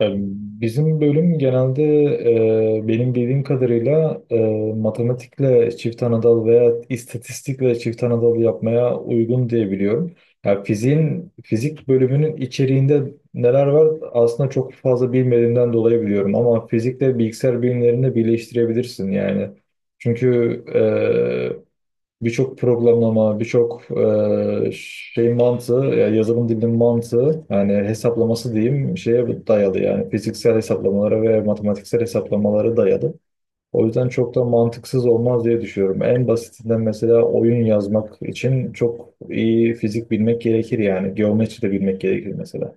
Yani bizim bölüm genelde benim bildiğim kadarıyla matematikle çift anadal veya istatistikle çift anadal yapmaya uygun diye biliyorum. Fiziğin fizik bölümünün içeriğinde neler var aslında çok fazla bilmediğimden dolayı biliyorum ama fizikle bilgisayar bilimlerini birleştirebilirsin yani. Çünkü e, birçok programlama, birçok şey mantığı, ya yazılım dilinin mantığı, yani hesaplaması diyeyim şeye dayalı yani fiziksel hesaplamalara ve matematiksel hesaplamalara dayalı. O yüzden çok da mantıksız olmaz diye düşünüyorum. En basitinden mesela oyun yazmak için çok iyi fizik bilmek gerekir yani. Geometri de bilmek gerekir mesela.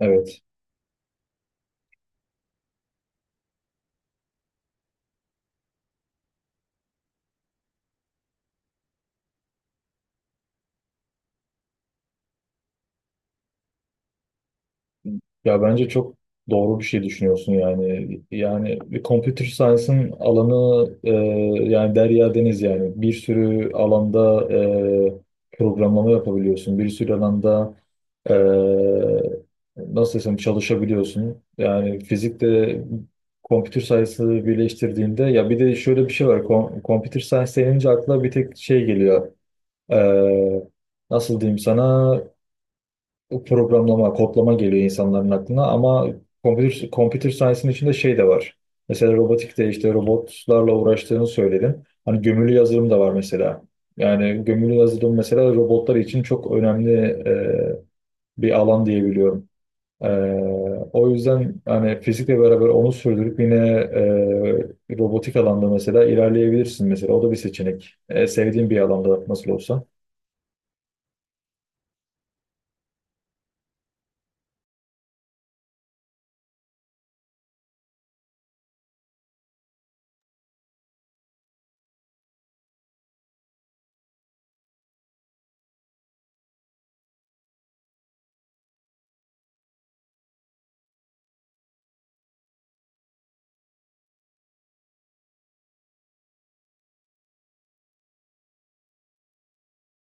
Evet. Ya bence çok doğru bir şey düşünüyorsun yani. Yani bir computer science'ın alanı yani derya deniz yani. Bir sürü alanda programlama yapabiliyorsun. Bir sürü alanda e, nasıl desem çalışabiliyorsun. Yani fizikte computer science'ı birleştirdiğinde ya bir de şöyle bir şey var. Computer science denince akla bir tek şey geliyor. E, Nasıl diyeyim sana? O programlama, kodlama geliyor insanların aklına ama computer science'ın içinde şey de var. Mesela robotikte işte robotlarla uğraştığını söyledin. Hani gömülü yazılım da var mesela. Yani gömülü yazılım mesela robotlar için çok önemli bir alan diyebiliyorum. Ee, O yüzden hani fizikle beraber onu sürdürüp yine robotik alanda mesela ilerleyebilirsin mesela. O da bir seçenek. E, sevdiğin bir alanda nasıl olsa.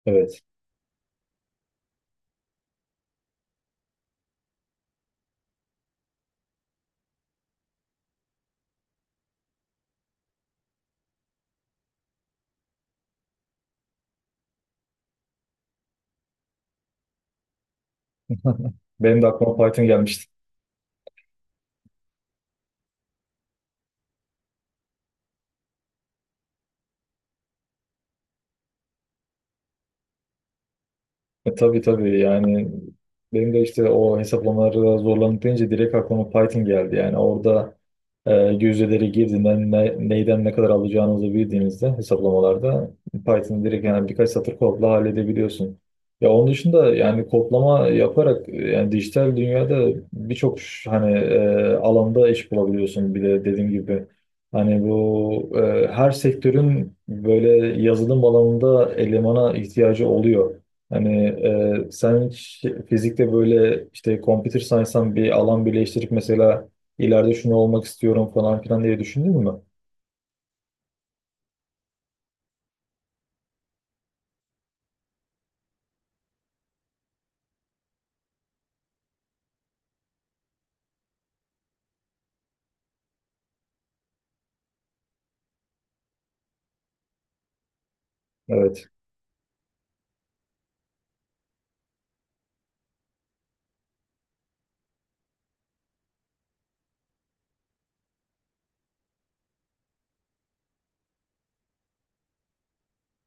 Evet. Benim de aklıma Python gelmişti. Tabii, tabii yani benim de işte o hesaplamaları zorlanıp deyince direkt aklıma Python geldi. Yani orada e, yüzdeleri girdiğinden neyden ne kadar alacağınızı bildiğinizde hesaplamalarda Python'ı direkt yani birkaç satır kodla halledebiliyorsun. Ya onun dışında yani kodlama yaparak yani dijital dünyada birçok hani alanda iş bulabiliyorsun. Bir de dediğim gibi hani bu her sektörün böyle yazılım alanında elemana ihtiyacı oluyor. Hani sen hiç fizikte böyle işte computer science'dan bir alan birleştirip mesela ileride şunu olmak istiyorum falan filan diye düşündün mü? Evet.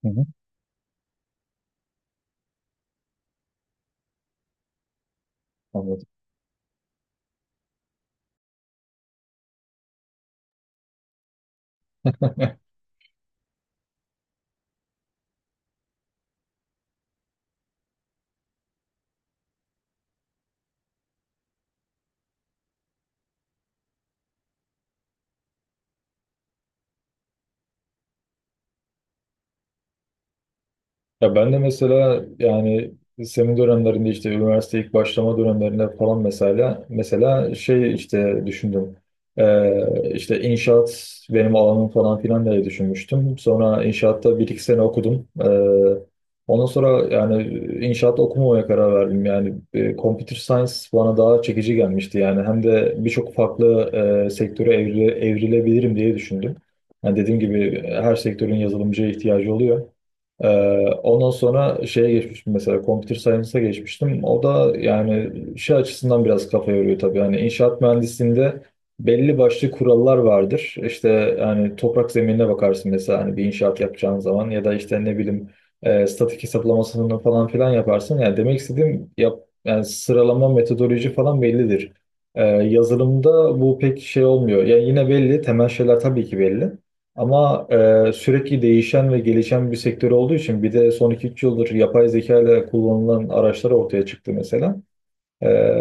Hı hı. Anladım. Ya ben de mesela yani senin dönemlerinde işte üniversite ilk başlama dönemlerinde falan mesela şey işte düşündüm. İşte inşaat benim alanım falan filan diye düşünmüştüm. Sonra inşaatta bir iki sene okudum. Ondan sonra yani inşaat okumamaya karar verdim. Yani computer science bana daha çekici gelmişti. Yani hem de birçok farklı sektöre evrilebilirim diye düşündüm. Yani dediğim gibi her sektörün yazılımcıya ihtiyacı oluyor. Ee, Ondan sonra şeye geçmiştim mesela computer science'a geçmiştim. O da yani şey açısından biraz kafa yoruyor tabii. Hani inşaat mühendisliğinde belli başlı kurallar vardır. İşte yani toprak zeminine bakarsın mesela hani bir inşaat yapacağın zaman ya da işte ne bileyim statik hesaplamasını falan filan yaparsın. Yani demek istediğim yani sıralama metodoloji falan bellidir. Yazılımda bu pek şey olmuyor. Yani yine belli temel şeyler tabii ki belli. Ama sürekli değişen ve gelişen bir sektör olduğu için bir de son iki üç yıldır yapay zeka ile kullanılan araçlar ortaya çıktı mesela. E,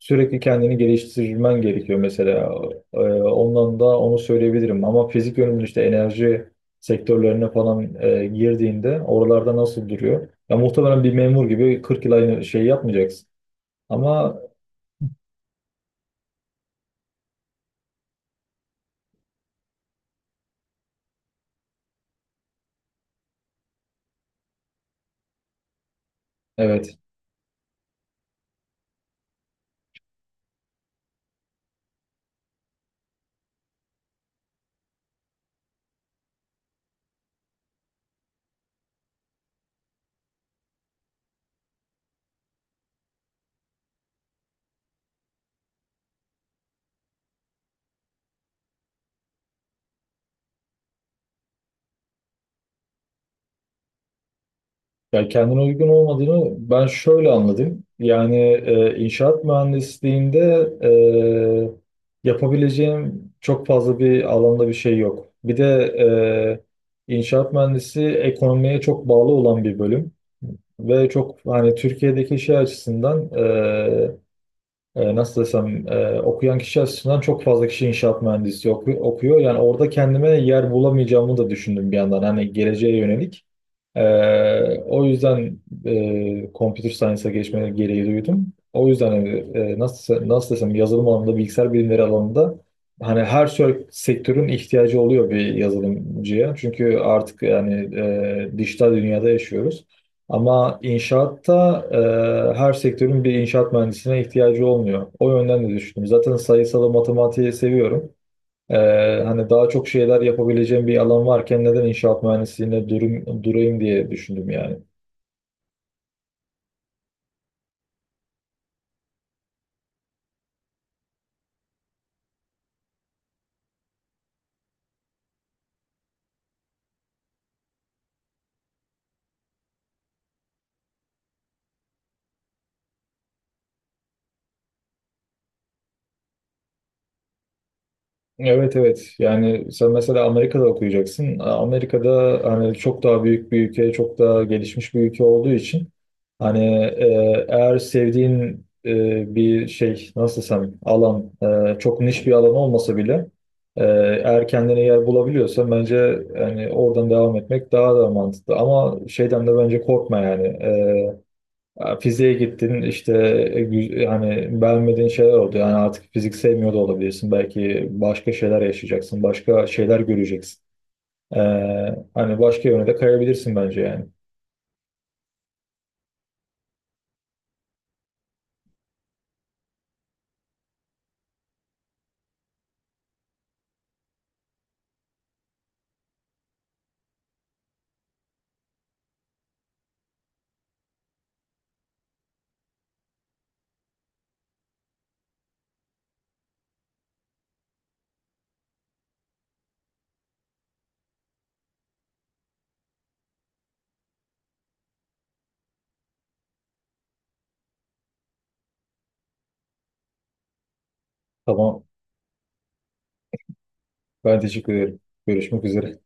Sürekli kendini geliştirmen gerekiyor mesela. E, Ondan da onu söyleyebilirim. Ama fizik yönümün işte enerji sektörlerine falan girdiğinde oralarda nasıl duruyor? Ya muhtemelen bir memur gibi 40 yıl aynı şeyi yapmayacaksın. Ama evet. Ya kendine uygun olmadığını ben şöyle anladım. Yani inşaat mühendisliğinde yapabileceğim çok fazla bir alanda bir şey yok. Bir de inşaat mühendisi ekonomiye çok bağlı olan bir bölüm ve çok hani Türkiye'deki şey açısından nasıl desem okuyan kişi açısından çok fazla kişi inşaat mühendisi okuyor. Yani orada kendime yer bulamayacağımı da düşündüm bir yandan hani geleceğe yönelik. O yüzden computer science'a geçme gereği duydum. O yüzden hani, nasıl desem yazılım alanında, bilgisayar bilimleri alanında hani her sektörün ihtiyacı oluyor bir yazılımcıya. Çünkü artık yani dijital dünyada yaşıyoruz. Ama inşaatta her sektörün bir inşaat mühendisine ihtiyacı olmuyor. O yönden de düşündüm. Zaten sayısalı matematiği seviyorum. Ee, Hani daha çok şeyler yapabileceğim bir alan varken neden inşaat mühendisliğine durayım diye düşündüm yani. Evet, evet, yani sen mesela Amerika'da okuyacaksın. Amerika'da hani çok daha büyük bir ülke, çok daha gelişmiş bir ülke olduğu için hani eğer sevdiğin bir şey nasıl desem alan çok niş bir alan olmasa bile e, eğer kendine yer bulabiliyorsan bence yani oradan devam etmek daha da mantıklı. Ama şeyden de bence korkma yani. Ya fiziğe gittin işte hani beğenmediğin şeyler oldu. Yani artık fizik sevmiyor da olabilirsin. Belki başka şeyler yaşayacaksın. Başka şeyler göreceksin. Ee, Hani başka yöne de kayabilirsin bence yani. Tamam. Ben teşekkür ederim. Görüşmek üzere.